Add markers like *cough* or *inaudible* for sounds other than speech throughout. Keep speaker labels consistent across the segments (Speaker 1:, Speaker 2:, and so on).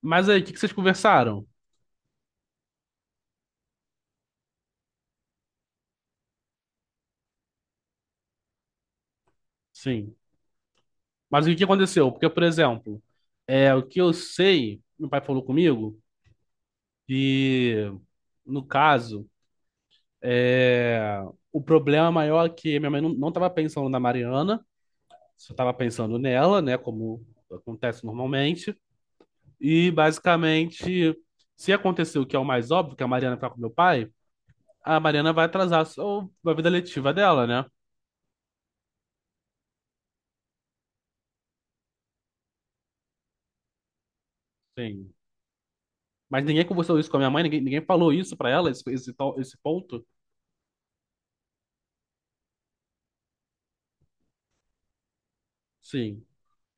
Speaker 1: Mas aí, o que que vocês conversaram? Sim. Mas o que aconteceu? Porque, por exemplo, o que eu sei, meu pai falou comigo, que, no caso, é, o problema maior é que minha mãe não estava pensando na Mariana, só estava pensando nela, né, como acontece normalmente. E, basicamente, se acontecer o que é o mais óbvio, que é a Mariana ficar com meu pai, a Mariana vai atrasar a a vida letiva dela, né? Sim. Mas ninguém conversou isso com a minha mãe, ninguém, ninguém falou isso pra ela, esse ponto? Sim.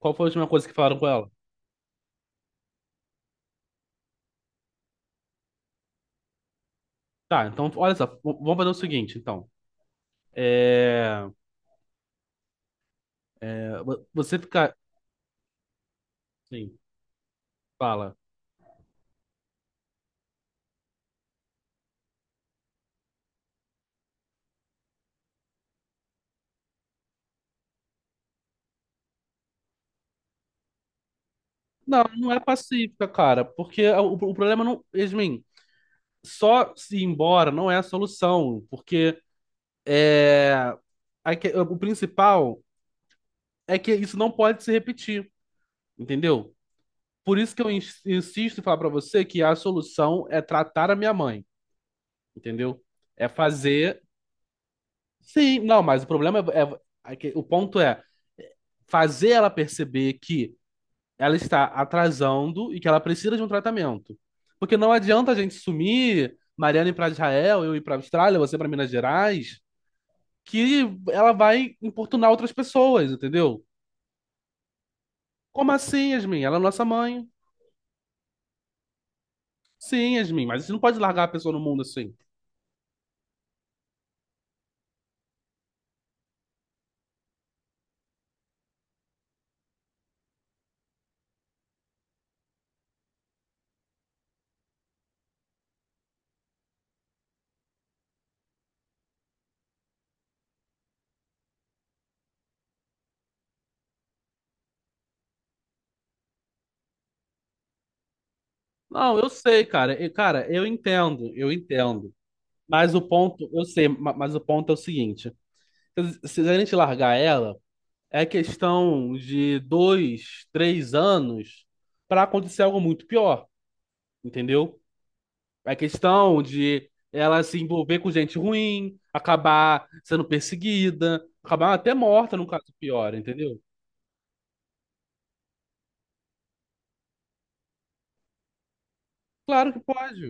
Speaker 1: Qual foi a última coisa que falaram com ela? Tá, então, olha só, vamos fazer o seguinte, então. É, você ficar. Sim, fala. Não, não é pacífica, cara, porque o problema não. Yasmin, só se ir embora não é a solução, porque o principal é que isso não pode se repetir, entendeu? Por isso que eu insisto em falar pra você que a solução é tratar a minha mãe, entendeu? É fazer. Sim, não, mas o ponto é fazer ela perceber que ela está atrasando e que ela precisa de um tratamento. Porque não adianta a gente sumir, Mariana ir para Israel, eu ir para Austrália, você para Minas Gerais, que ela vai importunar outras pessoas, entendeu? Como assim, Yasmin? Ela é nossa mãe. Sim, Yasmin, mas você não pode largar a pessoa no mundo assim. Não, eu sei, cara. Cara, eu entendo. Mas o ponto, eu sei, mas o ponto é o seguinte: se a gente largar ela é questão de dois, três anos para acontecer algo muito pior, entendeu? É questão de ela se envolver com gente ruim, acabar sendo perseguida, acabar até morta num caso pior, entendeu? Claro que pode.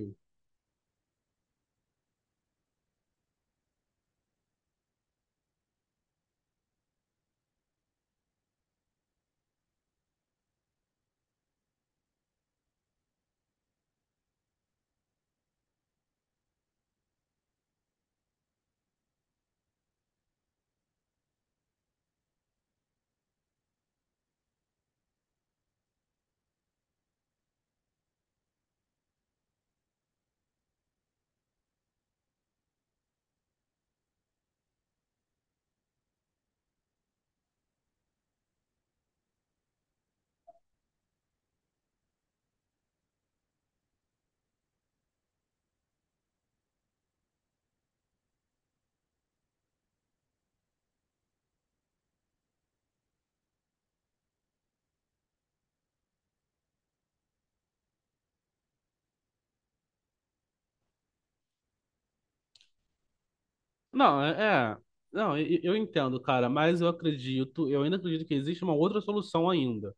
Speaker 1: Não. Não, eu entendo, cara, mas eu ainda acredito que existe uma outra solução ainda,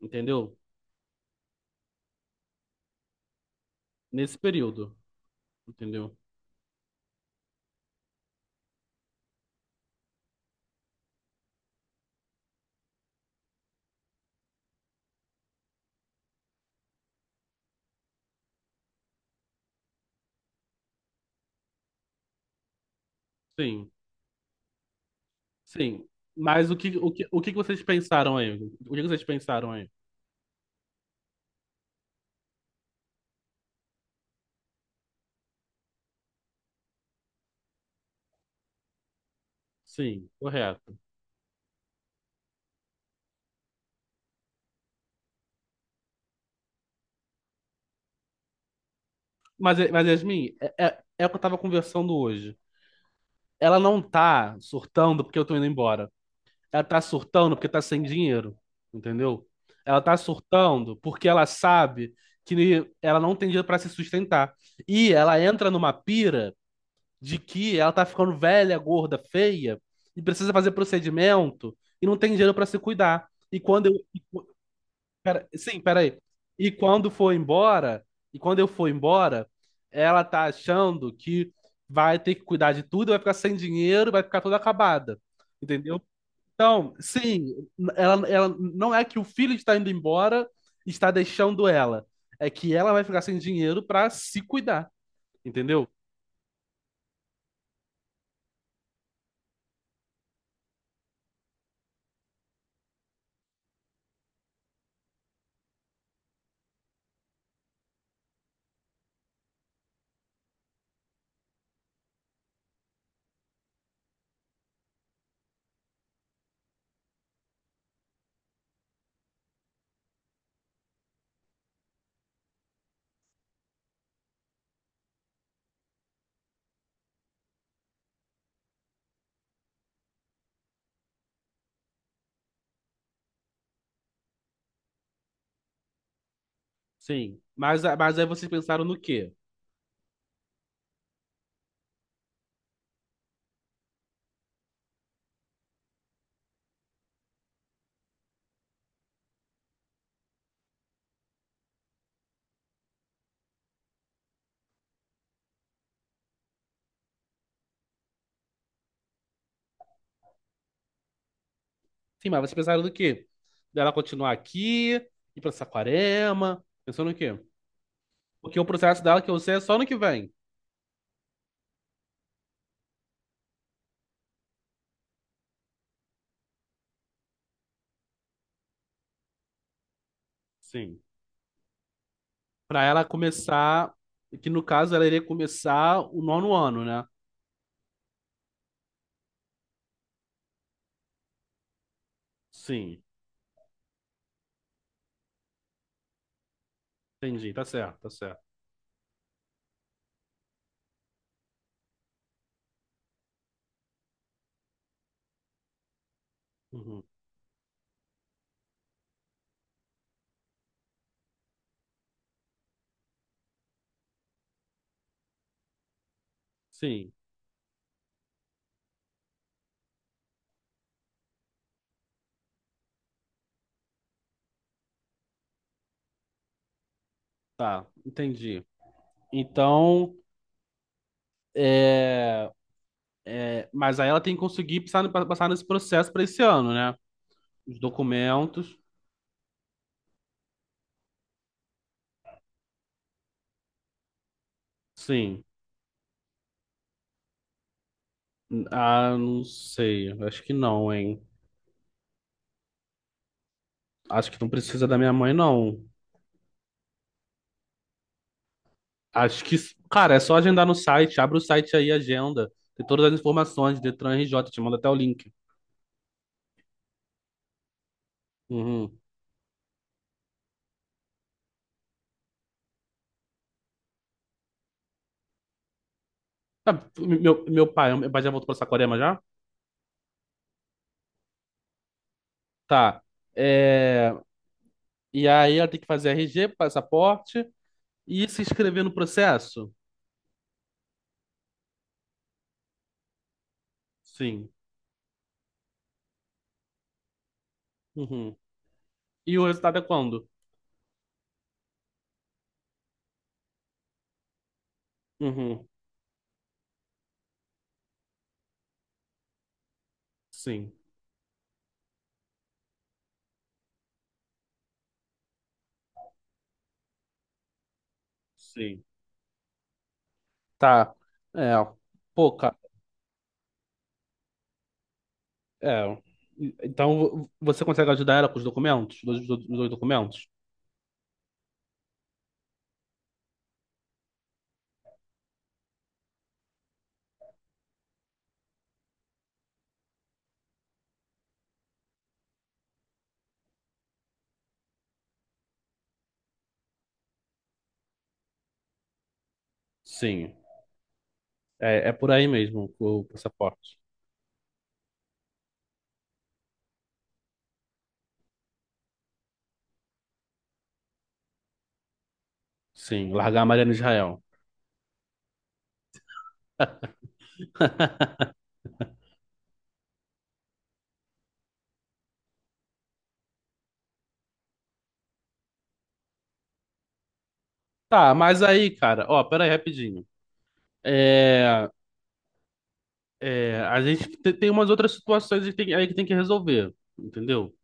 Speaker 1: entendeu? Nesse período, entendeu? Sim, sim. Mas o que que vocês pensaram aí? O que vocês pensaram aí? Sim, correto. Mas Yasmin, é o que eu tava conversando hoje. Ela não tá surtando porque eu tô indo embora. Ela tá surtando porque tá sem dinheiro, entendeu? Ela tá surtando porque ela sabe que ela não tem dinheiro pra se sustentar. E ela entra numa pira de que ela tá ficando velha, gorda, feia e precisa fazer procedimento e não tem dinheiro pra se cuidar. E quando eu, sim, peraí. E quando for embora, e quando eu for embora, ela tá achando que vai ter que cuidar de tudo, vai ficar sem dinheiro, vai ficar toda acabada. Entendeu? Então, sim, ela não é que o filho está indo embora, e está deixando ela. É que ela vai ficar sem dinheiro para se cuidar, entendeu? Sim. Mas aí vocês pensaram no quê? Sim, mas vocês pensaram no quê? Dela continuar aqui, ir para Saquarema, pensou no quê? Porque o processo dela que eu sei é só no que vem. Sim. Pra ela começar, que no caso ela iria começar o nono ano, né? Sim. Entendi, tá certo, tá certo. Uhum. Sim, tá, entendi. Então, é, mas aí ela tem que conseguir passar nesse processo para esse ano, né? Os documentos, sim. Ah, não sei, acho que não, hein? Acho que não precisa da minha mãe, não. Acho que, cara, é só agendar no site. Abre o site aí, agenda. Tem todas as informações, Detran RJ, te manda até o link. Uhum. Tá, meu pai já voltou pra Saquarema já? Tá. É, e aí ela tem que fazer RG, passaporte e se inscrever no processo? Sim. Uhum. E o resultado é quando? Uhum. Sim. Sim. Tá. É. Pô, cara. É. Então, você consegue ajudar ela com os documentos? Os dois documentos? Sim. É, é por aí mesmo o passaporte. Sim, largar a Mariana Israel. *laughs* Tá, mas aí, cara, ó, pera aí rapidinho. É, é, a gente tem umas outras situações que tem- aí que tem que resolver, entendeu?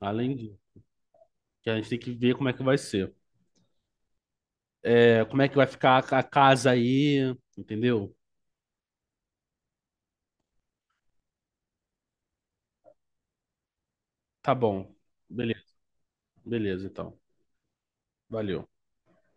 Speaker 1: Além disso, que a gente tem que ver como é que vai ser. É, como é que vai ficar a casa aí, entendeu? Tá bom. Beleza, beleza, então. Valeu.